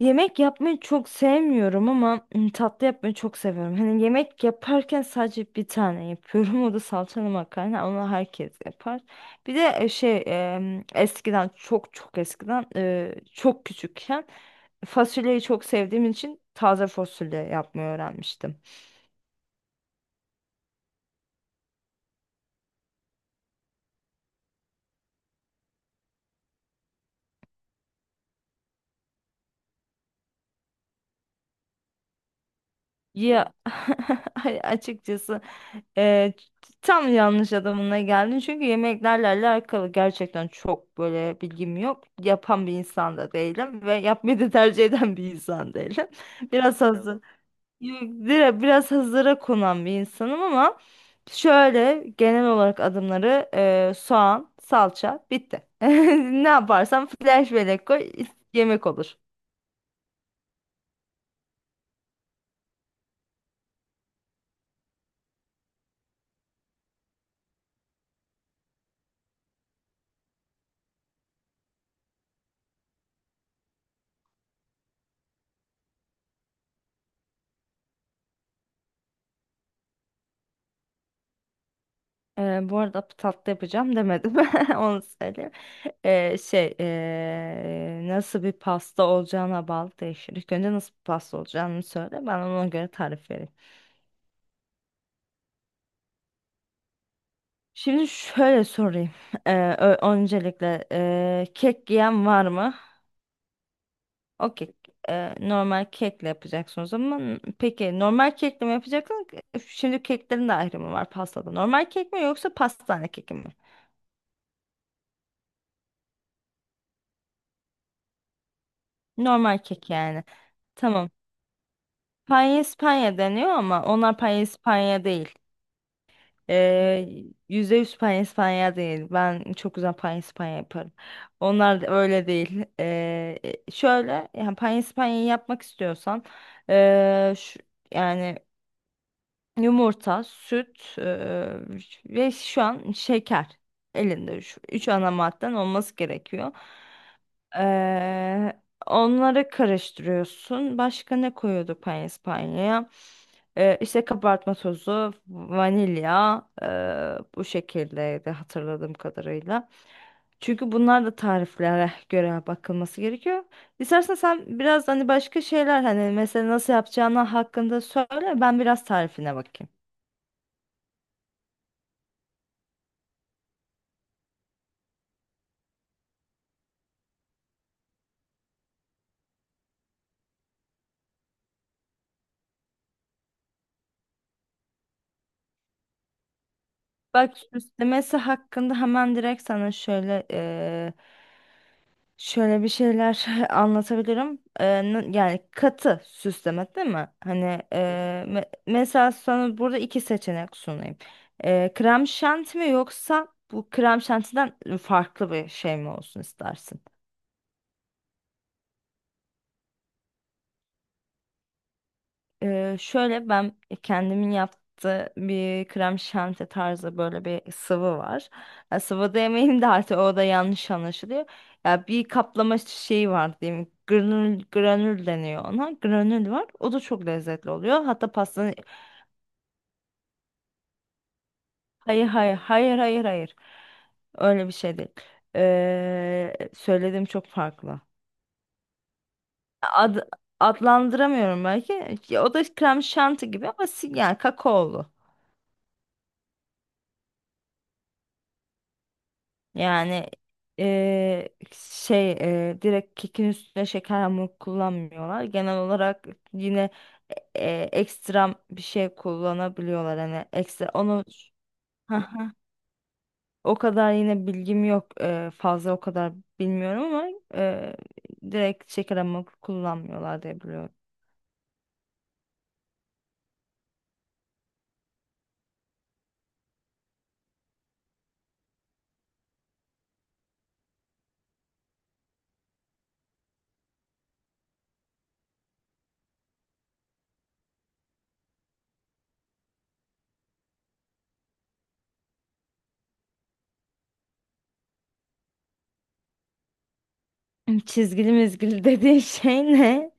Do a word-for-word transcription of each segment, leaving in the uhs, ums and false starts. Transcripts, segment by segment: Yemek yapmayı çok sevmiyorum ama ım, tatlı yapmayı çok seviyorum. Hani yemek yaparken sadece bir tane yapıyorum. O da salçalı makarna. Onu herkes yapar. Bir de e, şey em, eskiden, çok çok eskiden, e, çok küçükken fasulyeyi çok sevdiğim için taze fasulye yapmayı öğrenmiştim. Ya, ay- açıkçası e, tam yanlış adamına geldin, çünkü yemeklerle alakalı gerçekten çok böyle bilgim yok. Yapan bir insan da değilim ve yapmayı da tercih eden bir insan değilim. Biraz hazır, Yok, dire- biraz hazıra konan bir insanım ama şöyle genel olarak adımları e, soğan, salça bitti. Ne yaparsam flash bellek koy, yemek olur. Ee, bu arada tatlı yapacağım demedim. Onu söyleyeyim. Ee, şey ee, nasıl bir pasta olacağına bağlı değişir. İlk önce nasıl bir pasta olacağını söyle. Ben ona göre tarif vereyim. Şimdi şöyle sorayım. Ee, ö- öncelikle ee, kek yiyen var mı? O kek ee, normal kekle yapacaksınız, ama peki normal kekle mi yapacaksınız? Şimdi keklerin de ayrımı var pastada. Normal kek mi yoksa pastane keki mi? Normal kek yani. Tamam. Panyespanya deniyor ama onlar Panyespanya değil. Ee, yüzde yüz Panyespanya değil. Ben çok güzel Panyespanya yaparım. Onlar da öyle değil. Ee, e, şöyle, yani Panyespanya'yı yapmak istiyorsan, ee, şu- yani yumurta, süt, ee, ve şu an şeker elinde. Şu, üç ana madden olması gerekiyor. Ee, onları karıştırıyorsun. Başka ne koyuyorduk panispanyaya? Ee, işte kabartma tozu, vanilya, ee, bu şekildeydi hatırladığım kadarıyla. Çünkü bunlar da tariflere göre bakılması gerekiyor. İstersen sen biraz hani başka şeyler, hani mesela nasıl yapacağını hakkında söyle, ben biraz tarifine bakayım. Bak, süslemesi hakkında hemen direkt sana şöyle Şöyle bir şeyler anlatabilirim. Ee, n- yani katı süsleme değil mi? Hani, e, me- mesela sana burada iki seçenek sunayım. Ee, krem şanti mi yoksa bu krem şantiden farklı bir şey mi olsun istersin? Ee, şöyle, ben kendimin yaptığı bir krem şanti tarzı böyle bir sıvı var. Ya, sıvı demeyeyim de artık, o da yanlış anlaşılıyor. Ya bir kaplama şeyi var diyeyim. Granül, granül deniyor ona. Granül var. O da çok lezzetli oluyor. Hatta pastanın Hayır, hayır, hayır, hayır, hayır. Öyle bir şey değil. Ee, söylediğim çok farklı. Ad, adlandıramıyorum belki. Ya, o da krem şanti gibi ama si- yani kakaolu. Yani eee, şey eee, direkt kekin üstüne şeker hamur kullanmıyorlar. Genel olarak yine eee ekstra bir şey kullanabiliyorlar. Hani ekstra onu. Haha. O kadar yine bilgim yok. Eee, fazla o kadar bilmiyorum ama eee, direkt şeker hamur kullanmıyorlar diye biliyorum. Çizgili mizgili dediğin şey ne?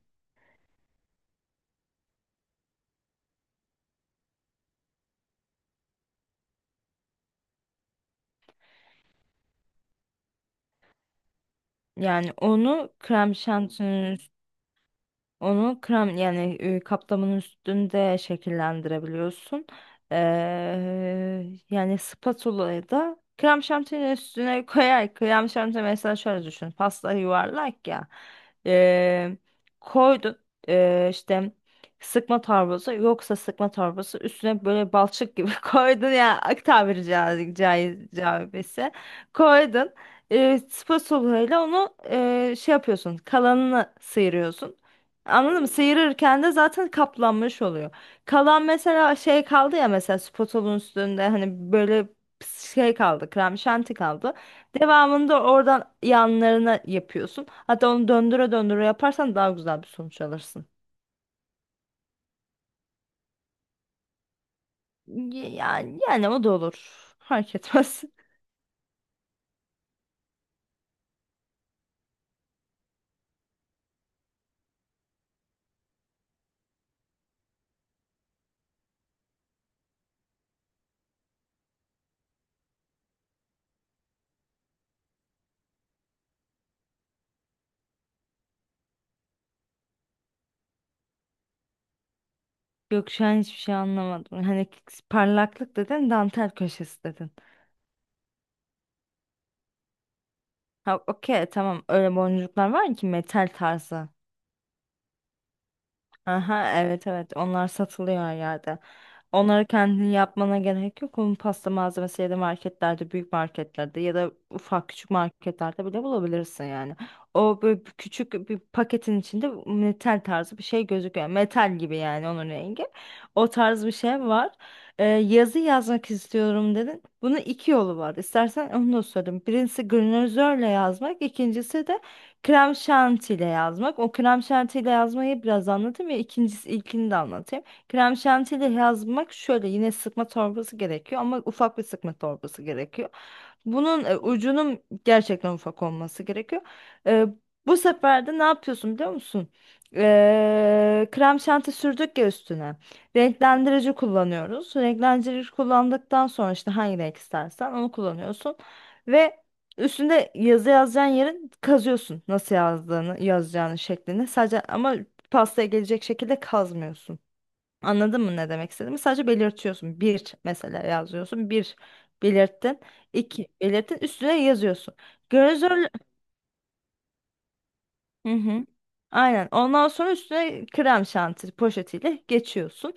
Yani onu krem şantinin Onu krem, yani e, kaplamın üstünde şekillendirebiliyorsun. Ee, yani spatula'yı da krem şantinin üstüne koyar. Krem şanti, mesela şöyle düşün. Pasta yuvarlak ya. Ee, koydun, ee, işte sıkma torbası, yoksa sıkma torbası üstüne böyle balçık gibi koydun ya, ak, tabiri caiz, caiz caizse, koydun. Ee, spatula ile onu ee, şey yapıyorsun, kalanını sıyırıyorsun. Anladın mı? Sıyırırken de zaten kaplanmış oluyor. Kalan, mesela şey kaldı ya, mesela spotolun üstünde hani böyle şey kaldı, krem şanti kaldı. Devamında oradan yanlarına yapıyorsun. Hatta onu döndüre döndüre yaparsan daha güzel bir sonuç alırsın. Y- Yani, yani o da olur. Fark etmez. Yok, şu an hiçbir şey anlamadım. Hani parlaklık dedin, dantel köşesi dedin. Ha, okey, tamam, öyle boncuklar var ki metal tarzı. Aha, evet evet, onlar satılıyor her yerde. Onları kendin yapmana gerek yok. Onun pasta malzemesi ya da marketlerde, büyük marketlerde ya da ufak küçük marketlerde bile bulabilirsin yani. O böyle bir küçük bir paketin içinde metal tarzı bir şey gözüküyor. Metal gibi, yani onun rengi. O tarz bir şey var. Ee, yazı yazmak istiyorum dedin. Bunun iki yolu var. İstersen onu da söyleyeyim. Birincisi granözörle yazmak, ikincisi de krem şantiyle yazmak. O krem şantiyle yazmayı biraz anlatayım, ya ikincisi, ilkini de anlatayım. Krem şantiyle yazmak şöyle: yine sıkma torbası gerekiyor ama ufak bir sıkma torbası gerekiyor. Bunun e, ucunun gerçekten ufak olması gerekiyor. E, bu sefer de ne yapıyorsun biliyor musun? E, krem şanti sürdük ya üstüne. Renklendirici kullanıyoruz. Renklendirici kullandıktan sonra işte hangi renk istersen onu kullanıyorsun. Ve üstünde yazı yazacağın yerin kazıyorsun, nasıl yazdığını, yazacağını şeklini. Sadece, ama pastaya gelecek şekilde kazmıyorsun. Anladın mı ne demek istediğimi? Sadece belirtiyorsun. Bir mesela yazıyorsun. Bir belirttin. İki belirttin. Üstüne yazıyorsun. Glazör. Hı hı. Aynen. Ondan sonra üstüne krem şanti poşetiyle geçiyorsun.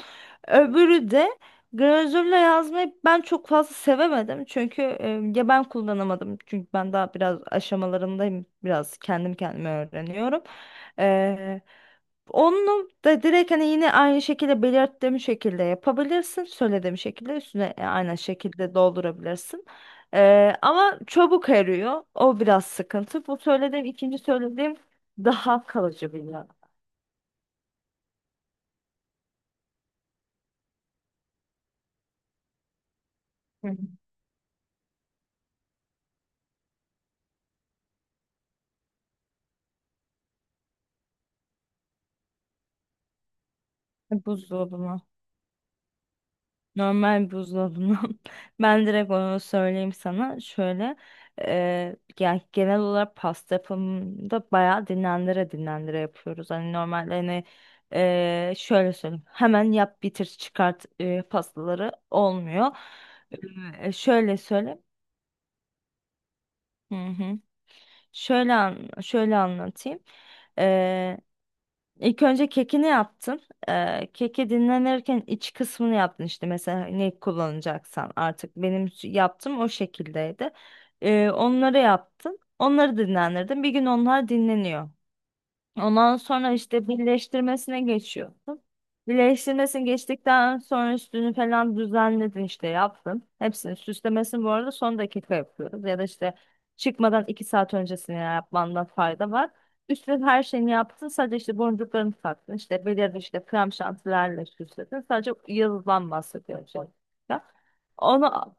Öbürü de, glazürle yazmayı ben çok fazla sevemedim. Çünkü, e, ya ben kullanamadım. Çünkü ben daha biraz aşamalarındayım. Biraz kendim kendime öğreniyorum. Onu da direkt, hani yine aynı şekilde, belirttiğim şekilde yapabilirsin. Söylediğim şekilde üstüne e, aynı şekilde doldurabilirsin. Ee, ama çabuk eriyor. O biraz sıkıntı. Bu söylediğim, ikinci söylediğim, daha kalıcı bir yağ. Hı hı. Buzdolabına. Normal buzdolabından. Ben direkt onu söyleyeyim sana. Şöyle, e, yani genel olarak pasta yapımında bayağı dinlendire dinlendire yapıyoruz. Hani normalde, hani e, şöyle söyleyeyim: hemen yap bitir çıkart e, pastaları olmuyor. E, şöyle söyle. Hı hı. Şöyle an şöyle anlatayım. İlk önce kekini yaptın. Ee, keki dinlenirken iç kısmını yaptın, işte mesela ne kullanacaksan artık, benim s- yaptığım o şekildeydi. Ee, onları yaptın. Onları dinlendirdin. Bir gün onlar dinleniyor. Ondan sonra işte birleştirmesine geçiyorsun. Birleştirmesini geçtikten sonra üstünü falan düzenledin, işte yaptın. Hepsini, süslemesini bu arada son dakika yapıyoruz. Ya da işte çıkmadan iki saat öncesine yapmanda fayda var. Üstüne her şeyini yaptın. Sadece işte boncuklarını taktın. İşte belirli, işte krem şantilerle süsledin. Sadece yıldızdan bahsediyorum şu anda. Onu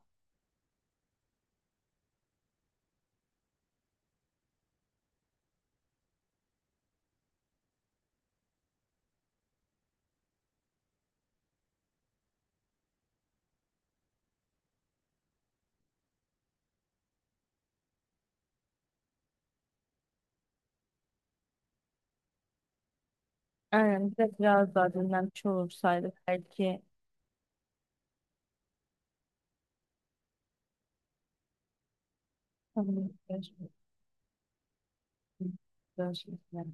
Yani bir de biraz daha dinlenmiş olursaydık belki. Tamam. Görüşmek üzere.